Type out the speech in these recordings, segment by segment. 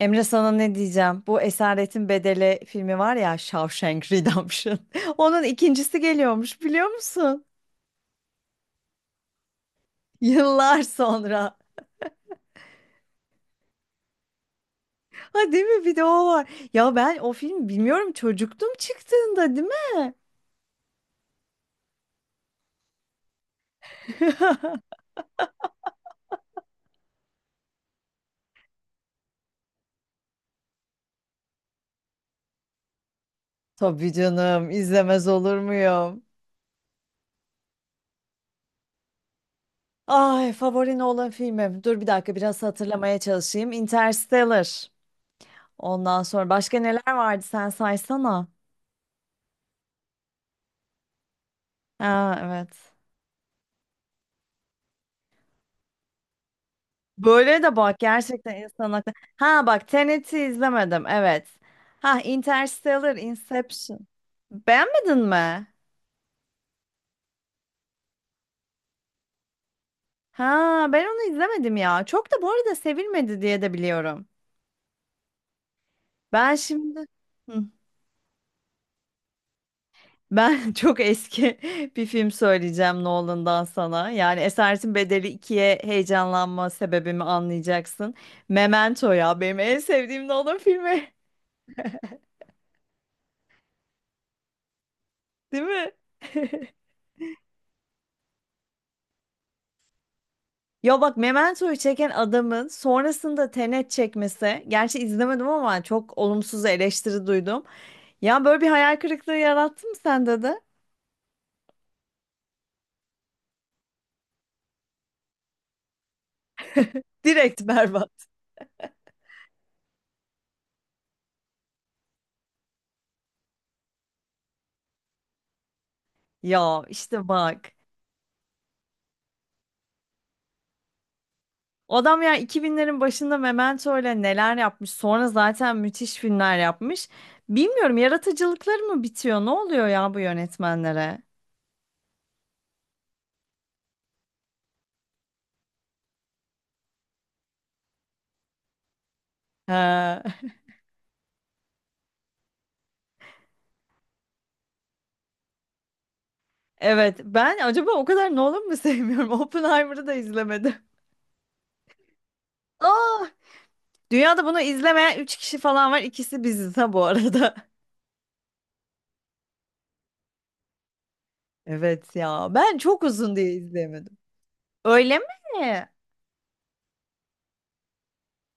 Emre, sana ne diyeceğim? Bu Esaretin Bedeli filmi var ya, Shawshank Redemption. Onun ikincisi geliyormuş, biliyor musun? Yıllar sonra. Ha, değil mi? Bir de o var. Ya ben o film bilmiyorum, çocuktum çıktığında, değil mi? Tabii canım, izlemez olur muyum? Ay, favori olan filmim. Dur bir dakika, biraz hatırlamaya çalışayım. Interstellar. Ondan sonra başka neler vardı, sen saysana. Ha, evet. Böyle de bak, gerçekten insan aklı. Ha bak, Tenet'i izlemedim, evet. Ha, Interstellar, Inception. Beğenmedin mi? Ha, ben onu izlemedim ya. Çok da bu arada sevilmedi diye de biliyorum. Ben şimdi Hı. Ben çok eski bir film söyleyeceğim Nolan'dan sana. Yani Esaretin Bedeli ikiye heyecanlanma sebebimi anlayacaksın. Memento ya benim en sevdiğim Nolan filmi. Değil mi? Ya bak, Memento'yu çeken adamın sonrasında Tenet çekmesi, gerçi izlemedim ama çok olumsuz eleştiri duydum. Ya böyle bir hayal kırıklığı yarattı mı sende de? Direkt berbat. Ya işte bak, adam ya 2000'lerin başında Memento ile neler yapmış, sonra zaten müthiş filmler yapmış. Bilmiyorum, yaratıcılıkları mı bitiyor? Ne oluyor ya bu yönetmenlere? Ha, evet, ben acaba o kadar Nolan mı sevmiyorum? Oppenheimer'ı da izlemedim. Aa! Dünyada bunu izlemeyen 3 kişi falan var. İkisi biziz ha, bu arada. Evet ya. Ben çok uzun diye izleyemedim. Öyle mi?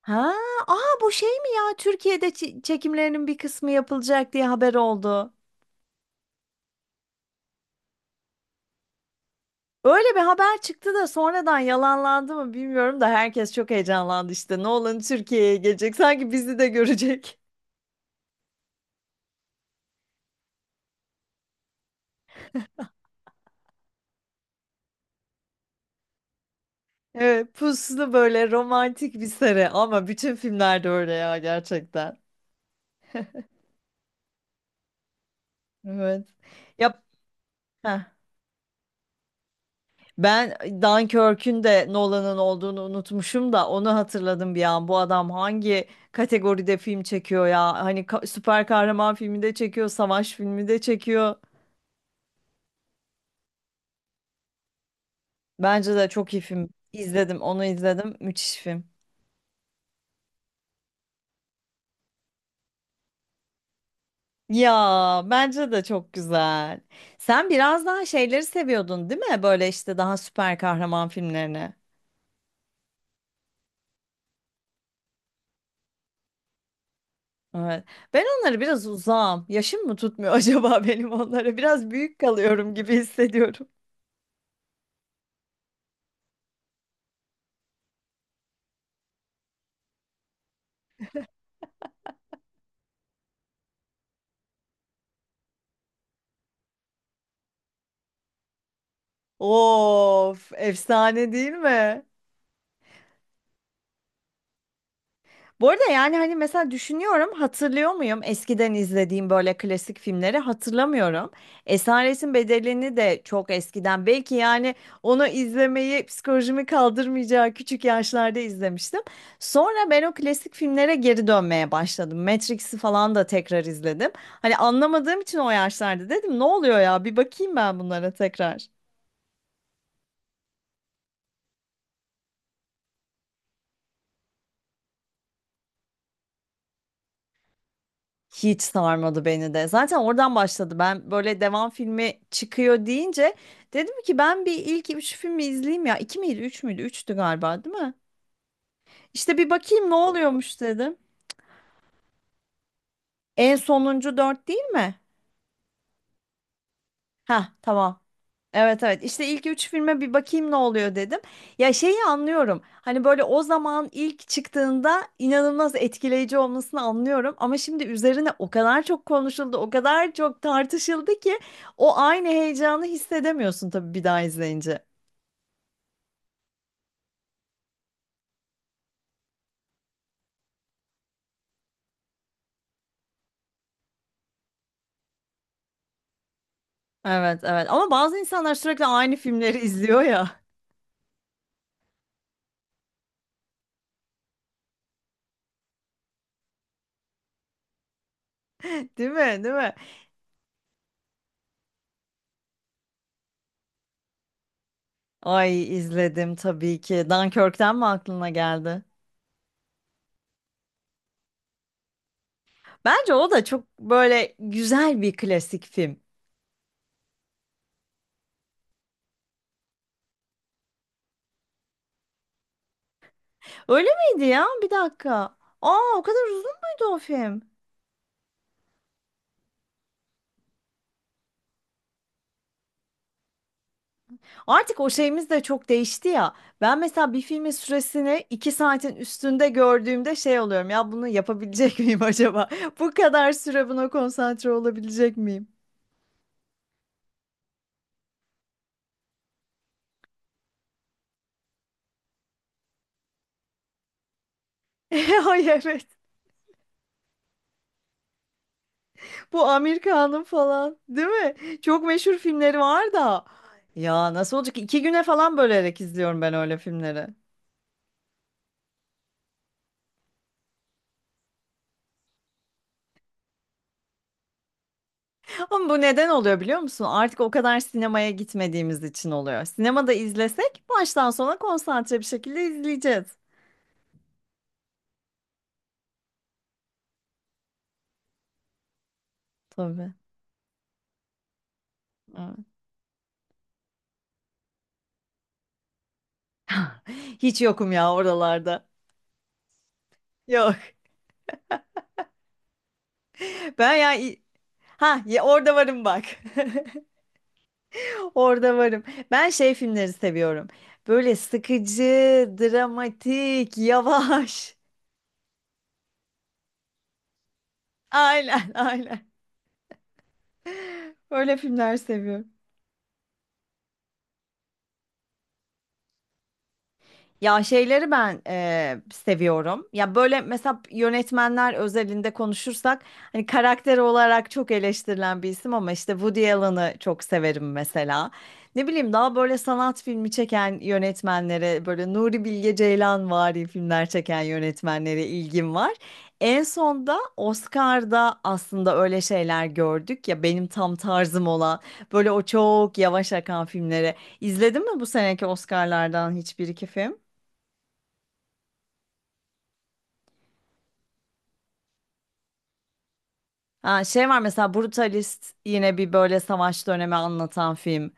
Ha, aa, bu şey mi ya? Türkiye'de çekimlerinin bir kısmı yapılacak diye haber oldu. Öyle bir haber çıktı da sonradan yalanlandı mı bilmiyorum da herkes çok heyecanlandı işte. Nolan Türkiye'ye gelecek. Sanki bizi de görecek. Evet, puslu böyle romantik bir seri ama bütün filmlerde öyle ya gerçekten. Evet. Yap. Ben Dunkirk'ün de Nolan'ın olduğunu unutmuşum da onu hatırladım bir an. Bu adam hangi kategoride film çekiyor ya? Hani süper kahraman filmi de çekiyor, savaş filmi de çekiyor. Bence de çok iyi film. İzledim, onu izledim. Müthiş film. Ya bence de çok güzel. Sen biraz daha şeyleri seviyordun, değil mi? Böyle işte daha süper kahraman filmlerini. Evet. Ben onları biraz uzağım. Yaşım mı tutmuyor acaba benim onlara? Biraz büyük kalıyorum gibi hissediyorum. Of, efsane değil mi? Bu arada yani hani mesela düşünüyorum, hatırlıyor muyum eskiden izlediğim böyle klasik filmleri, hatırlamıyorum. Esaretin Bedeli'ni de çok eskiden belki, yani onu izlemeyi psikolojimi kaldırmayacağı küçük yaşlarda izlemiştim. Sonra ben o klasik filmlere geri dönmeye başladım. Matrix'i falan da tekrar izledim. Hani anlamadığım için o yaşlarda, dedim ne oluyor ya, bir bakayım ben bunlara tekrar. Hiç sarmadı beni de. Zaten oradan başladı. Ben böyle devam filmi çıkıyor deyince dedim ki ben bir ilk üç filmi izleyeyim ya. İki miydi, üç müydü? Üçtü galiba, değil mi? İşte bir bakayım ne oluyormuş dedim. En sonuncu dört, değil mi? Ha, tamam. Evet evet, işte ilk üç filme bir bakayım ne oluyor dedim. Ya şeyi anlıyorum. Hani böyle o zaman ilk çıktığında inanılmaz etkileyici olmasını anlıyorum. Ama şimdi üzerine o kadar çok konuşuldu, o kadar çok tartışıldı ki o aynı heyecanı hissedemiyorsun tabii bir daha izleyince. Evet evet, ama bazı insanlar sürekli aynı filmleri izliyor ya. Değil mi? Değil mi? Ay, izledim tabii ki. Dunkirk'ten mi aklına geldi? Bence o da çok böyle güzel bir klasik film. Öyle miydi ya? Bir dakika. Aa, o kadar uzun muydu o film? Artık o şeyimiz de çok değişti ya. Ben mesela bir filmin süresini 2 saatin üstünde gördüğümde şey oluyorum. Ya bunu yapabilecek miyim acaba? Bu kadar süre buna konsantre olabilecek miyim? Ay, evet. Bu Amir falan, değil mi? Çok meşhur filmleri var da. Ya nasıl olacak ki? 2 güne falan bölerek izliyorum ben öyle filmleri. Ama bu neden oluyor biliyor musun? Artık o kadar sinemaya gitmediğimiz için oluyor. Sinemada izlesek baştan sona konsantre bir şekilde izleyeceğiz. Tabii. Evet. Hiç yokum ya oralarda. Yok. Ben ya Ha ya, orada varım bak. Orada varım. Ben şey filmleri seviyorum. Böyle sıkıcı, dramatik, yavaş. Aynen, aynen. Öyle filmler seviyorum. Ya şeyleri ben seviyorum. Ya böyle mesela yönetmenler özelinde konuşursak hani karakter olarak çok eleştirilen bir isim ama işte Woody Allen'ı çok severim mesela. Ne bileyim, daha böyle sanat filmi çeken yönetmenlere, böyle Nuri Bilge Ceylanvari filmler çeken yönetmenlere ilgim var. En son da Oscar'da aslında öyle şeyler gördük ya, benim tam tarzım olan böyle o çok yavaş akan filmleri. İzledin mi bu seneki Oscar'lardan hiçbir iki film? Ha, şey var mesela, Brutalist, yine bir böyle savaş dönemi anlatan film.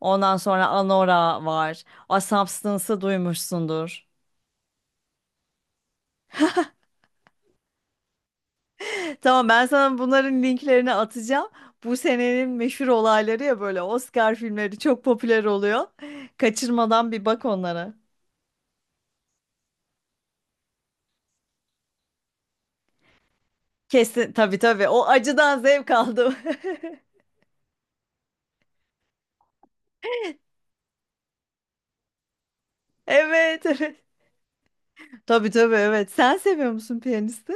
Ondan sonra Anora var. A Substance'ı duymuşsundur. Tamam, ben sana bunların linklerini atacağım. Bu senenin meşhur olayları ya, böyle Oscar filmleri çok popüler oluyor. Kaçırmadan bir bak onlara. Kesin tabii tabii, o acıdan zevk aldım. Evet evet. Tabii tabii, evet. Sen seviyor musun piyanisti?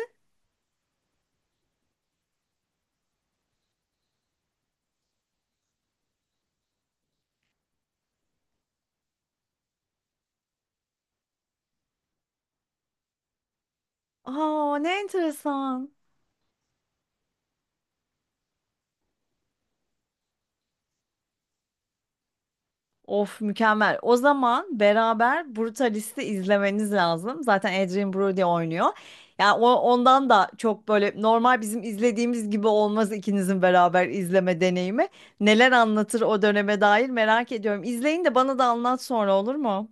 Aa, ne enteresan. Of, mükemmel. O zaman beraber Brutalist'i izlemeniz lazım. Zaten Adrien Brody oynuyor. Yani o, ondan da çok böyle normal bizim izlediğimiz gibi olmaz ikinizin beraber izleme deneyimi. Neler anlatır o döneme dair merak ediyorum. İzleyin de bana da anlat sonra, olur mu?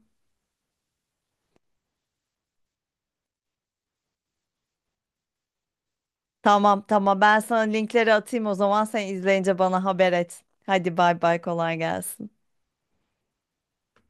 Tamam tamam, ben sana linkleri atayım o zaman, sen izleyince bana haber et. Hadi bay bay, kolay gelsin.